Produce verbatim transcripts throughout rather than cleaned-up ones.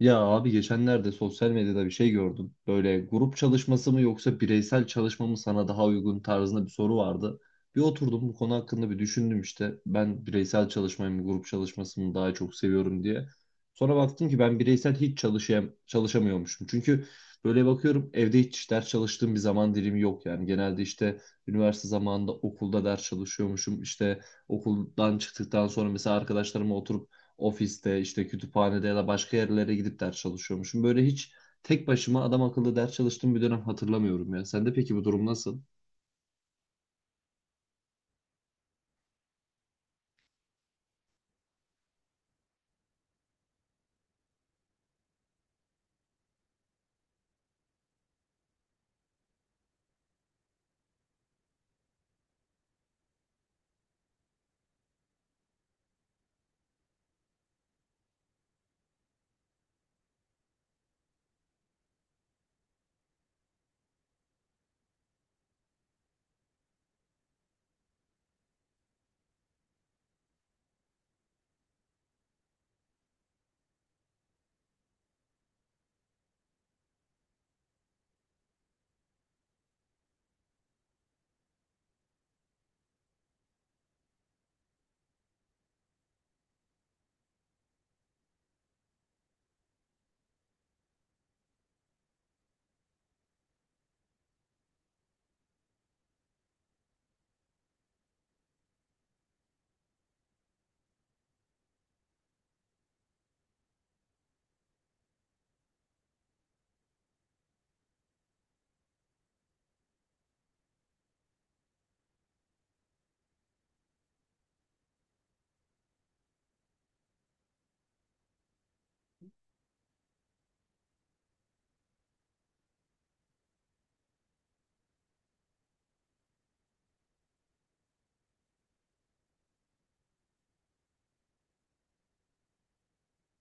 Ya abi geçenlerde sosyal medyada bir şey gördüm. Böyle grup çalışması mı yoksa bireysel çalışma mı sana daha uygun tarzında bir soru vardı. Bir oturdum bu konu hakkında bir düşündüm işte. Ben bireysel çalışmayı mı grup çalışmasını mı daha çok seviyorum diye. Sonra baktım ki ben bireysel hiç çalışayım, çalışamıyormuşum. Çünkü böyle bakıyorum evde hiç ders çalıştığım bir zaman dilimi yok yani. Genelde işte üniversite zamanında okulda ders çalışıyormuşum. İşte okuldan çıktıktan sonra mesela arkadaşlarımla oturup ofiste, işte kütüphanede ya da başka yerlere gidip ders çalışıyormuşum. Böyle hiç tek başıma adam akıllı ders çalıştığım bir dönem hatırlamıyorum ya. Sende peki bu durum nasıl?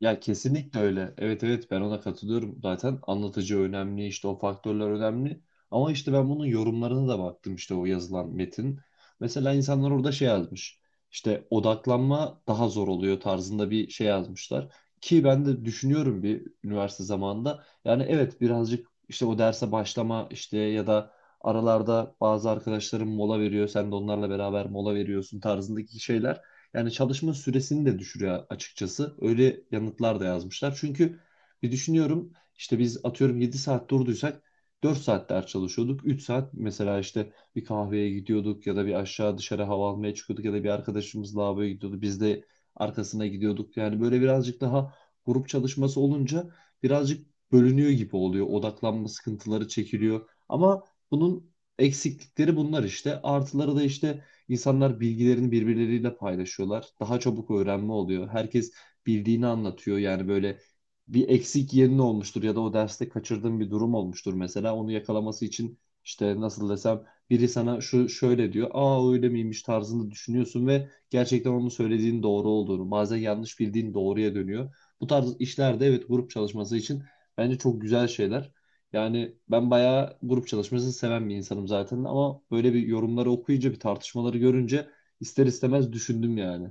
Ya kesinlikle öyle. Evet evet, ben ona katılıyorum. Zaten anlatıcı önemli, işte o faktörler önemli. Ama işte ben bunun yorumlarına da baktım, işte o yazılan metin. Mesela insanlar orada şey yazmış. İşte odaklanma daha zor oluyor tarzında bir şey yazmışlar. Ki ben de düşünüyorum bir üniversite zamanında. Yani evet, birazcık işte o derse başlama işte ya da aralarda bazı arkadaşlarım mola veriyor. Sen de onlarla beraber mola veriyorsun tarzındaki şeyler yani çalışma süresini de düşürüyor açıkçası. Öyle yanıtlar da yazmışlar. Çünkü bir düşünüyorum işte, biz atıyorum yedi saat durduysak dört saat ders çalışıyorduk. Üç saat mesela işte bir kahveye gidiyorduk ya da bir aşağı dışarı hava almaya çıkıyorduk ya da bir arkadaşımız lavaboya gidiyordu. Biz de arkasına gidiyorduk. Yani böyle birazcık daha grup çalışması olunca birazcık bölünüyor gibi oluyor. Odaklanma sıkıntıları çekiliyor. Ama bunun eksiklikleri bunlar işte. Artıları da işte, İnsanlar bilgilerini birbirleriyle paylaşıyorlar. Daha çabuk öğrenme oluyor. Herkes bildiğini anlatıyor. Yani böyle bir eksik yerin olmuştur ya da o derste kaçırdığın bir durum olmuştur mesela. Onu yakalaması için işte, nasıl desem, biri sana şu şöyle diyor. Aa öyle miymiş tarzında düşünüyorsun ve gerçekten onun söylediğin doğru olduğunu, bazen yanlış bildiğin doğruya dönüyor. Bu tarz işlerde evet, grup çalışması için bence çok güzel şeyler. Yani ben bayağı grup çalışmasını seven bir insanım zaten, ama böyle bir yorumları okuyunca, bir tartışmaları görünce ister istemez düşündüm yani.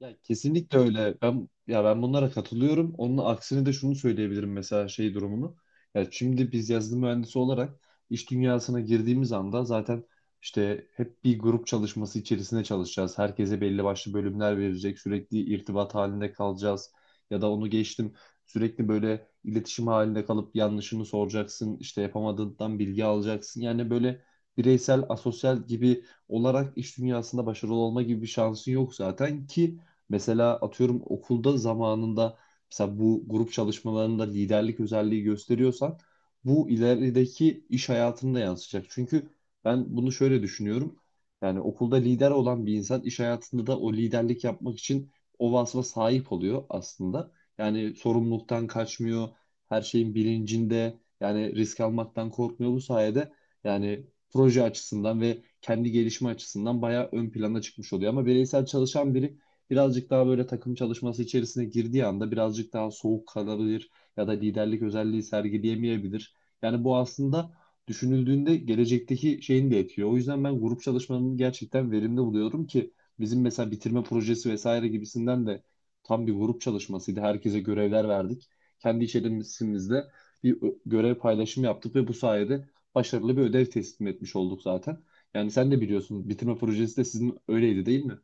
Ya kesinlikle öyle. Ben, ya, ben bunlara katılıyorum. Onun aksine de şunu söyleyebilirim mesela, şey durumunu. Ya şimdi biz yazılım mühendisi olarak iş dünyasına girdiğimiz anda zaten işte hep bir grup çalışması içerisinde çalışacağız. Herkese belli başlı bölümler verecek. Sürekli irtibat halinde kalacağız. Ya da onu geçtim. Sürekli böyle iletişim halinde kalıp yanlışını soracaksın. İşte yapamadığından bilgi alacaksın. Yani böyle bireysel, asosyal gibi olarak iş dünyasında başarılı olma gibi bir şansın yok zaten ki. Mesela atıyorum okulda zamanında, mesela bu grup çalışmalarında liderlik özelliği gösteriyorsan, bu ilerideki iş hayatında yansıyacak. Çünkü ben bunu şöyle düşünüyorum. Yani okulda lider olan bir insan iş hayatında da o liderlik yapmak için o vasfa sahip oluyor aslında. Yani sorumluluktan kaçmıyor, her şeyin bilincinde, yani risk almaktan korkmuyor bu sayede. Yani proje açısından ve kendi gelişme açısından bayağı ön plana çıkmış oluyor. Ama bireysel çalışan biri birazcık daha böyle takım çalışması içerisine girdiği anda birazcık daha soğuk kalabilir ya da liderlik özelliği sergileyemeyebilir. Yani bu aslında düşünüldüğünde gelecekteki şeyini de etkiliyor. O yüzden ben grup çalışmanın gerçekten verimli buluyorum ki bizim mesela bitirme projesi vesaire gibisinden de tam bir grup çalışmasıydı. Herkese görevler verdik. Kendi içerimizde bir ö- görev paylaşımı yaptık ve bu sayede başarılı bir ödev teslim etmiş olduk zaten. Yani sen de biliyorsun, bitirme projesi de sizin öyleydi değil mi?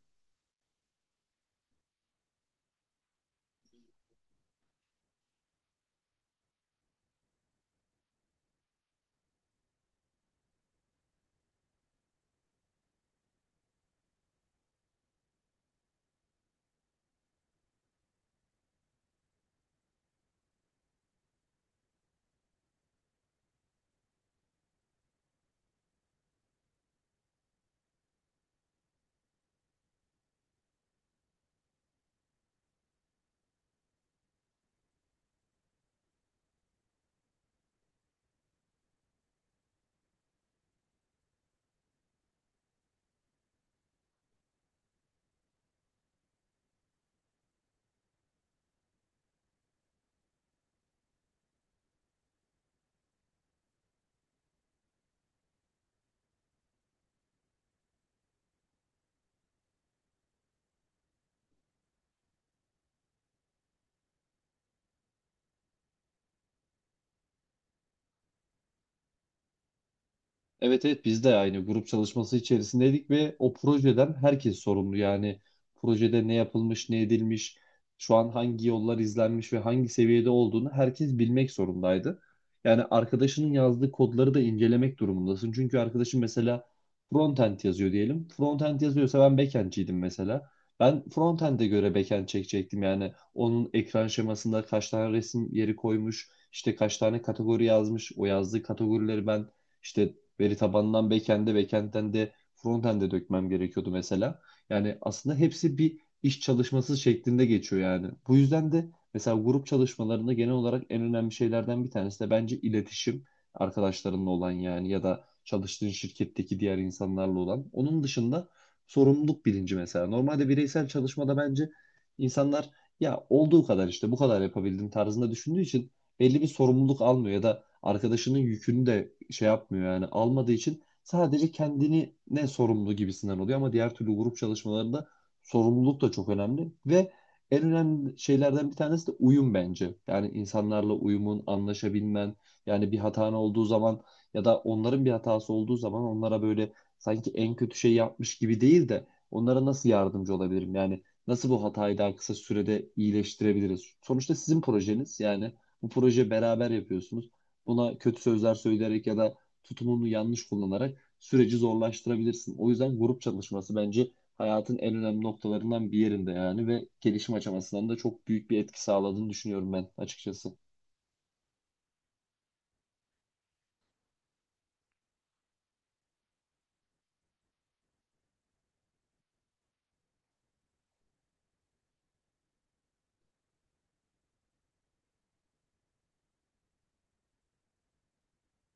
Evet evet, biz de aynı grup çalışması içerisindeydik ve o projeden herkes sorumlu. Yani projede ne yapılmış, ne edilmiş, şu an hangi yollar izlenmiş ve hangi seviyede olduğunu herkes bilmek zorundaydı. Yani arkadaşının yazdığı kodları da incelemek durumundasın. Çünkü arkadaşın mesela frontend yazıyor diyelim. Frontend yazıyorsa ben backend'ciydim mesela. Ben frontend'e göre backend çekecektim. Yani onun ekran şemasında kaç tane resim yeri koymuş, işte kaç tane kategori yazmış, o yazdığı kategorileri ben işte veri tabanından backend'e, backend'den de frontend'e dökmem gerekiyordu mesela. Yani aslında hepsi bir iş çalışması şeklinde geçiyor yani. Bu yüzden de mesela grup çalışmalarında genel olarak en önemli şeylerden bir tanesi de bence iletişim, arkadaşlarınla olan yani, ya da çalıştığın şirketteki diğer insanlarla olan. Onun dışında sorumluluk bilinci mesela. Normalde bireysel çalışmada bence insanlar ya olduğu kadar işte bu kadar yapabildim tarzında düşündüğü için belli bir sorumluluk almıyor ya da arkadaşının yükünü de şey yapmıyor yani, almadığı için sadece kendini ne sorumlu gibisinden oluyor, ama diğer türlü grup çalışmalarında sorumluluk da çok önemli ve en önemli şeylerden bir tanesi de uyum bence. Yani insanlarla uyumun, anlaşabilmen, yani bir hatan olduğu zaman ya da onların bir hatası olduğu zaman onlara böyle sanki en kötü şey yapmış gibi değil de, onlara nasıl yardımcı olabilirim? Yani nasıl bu hatayı daha kısa sürede iyileştirebiliriz? Sonuçta sizin projeniz yani, bu proje beraber yapıyorsunuz. Buna kötü sözler söyleyerek ya da tutumunu yanlış kullanarak süreci zorlaştırabilirsin. O yüzden grup çalışması bence hayatın en önemli noktalarından bir yerinde yani, ve gelişim aşamasından da çok büyük bir etki sağladığını düşünüyorum ben açıkçası.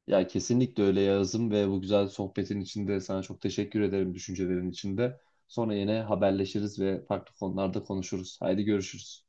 Ya kesinlikle öyle Yağız'ım, ve bu güzel sohbetin içinde sana çok teşekkür ederim, düşüncelerin içinde. Sonra yine haberleşiriz ve farklı konularda konuşuruz. Haydi görüşürüz.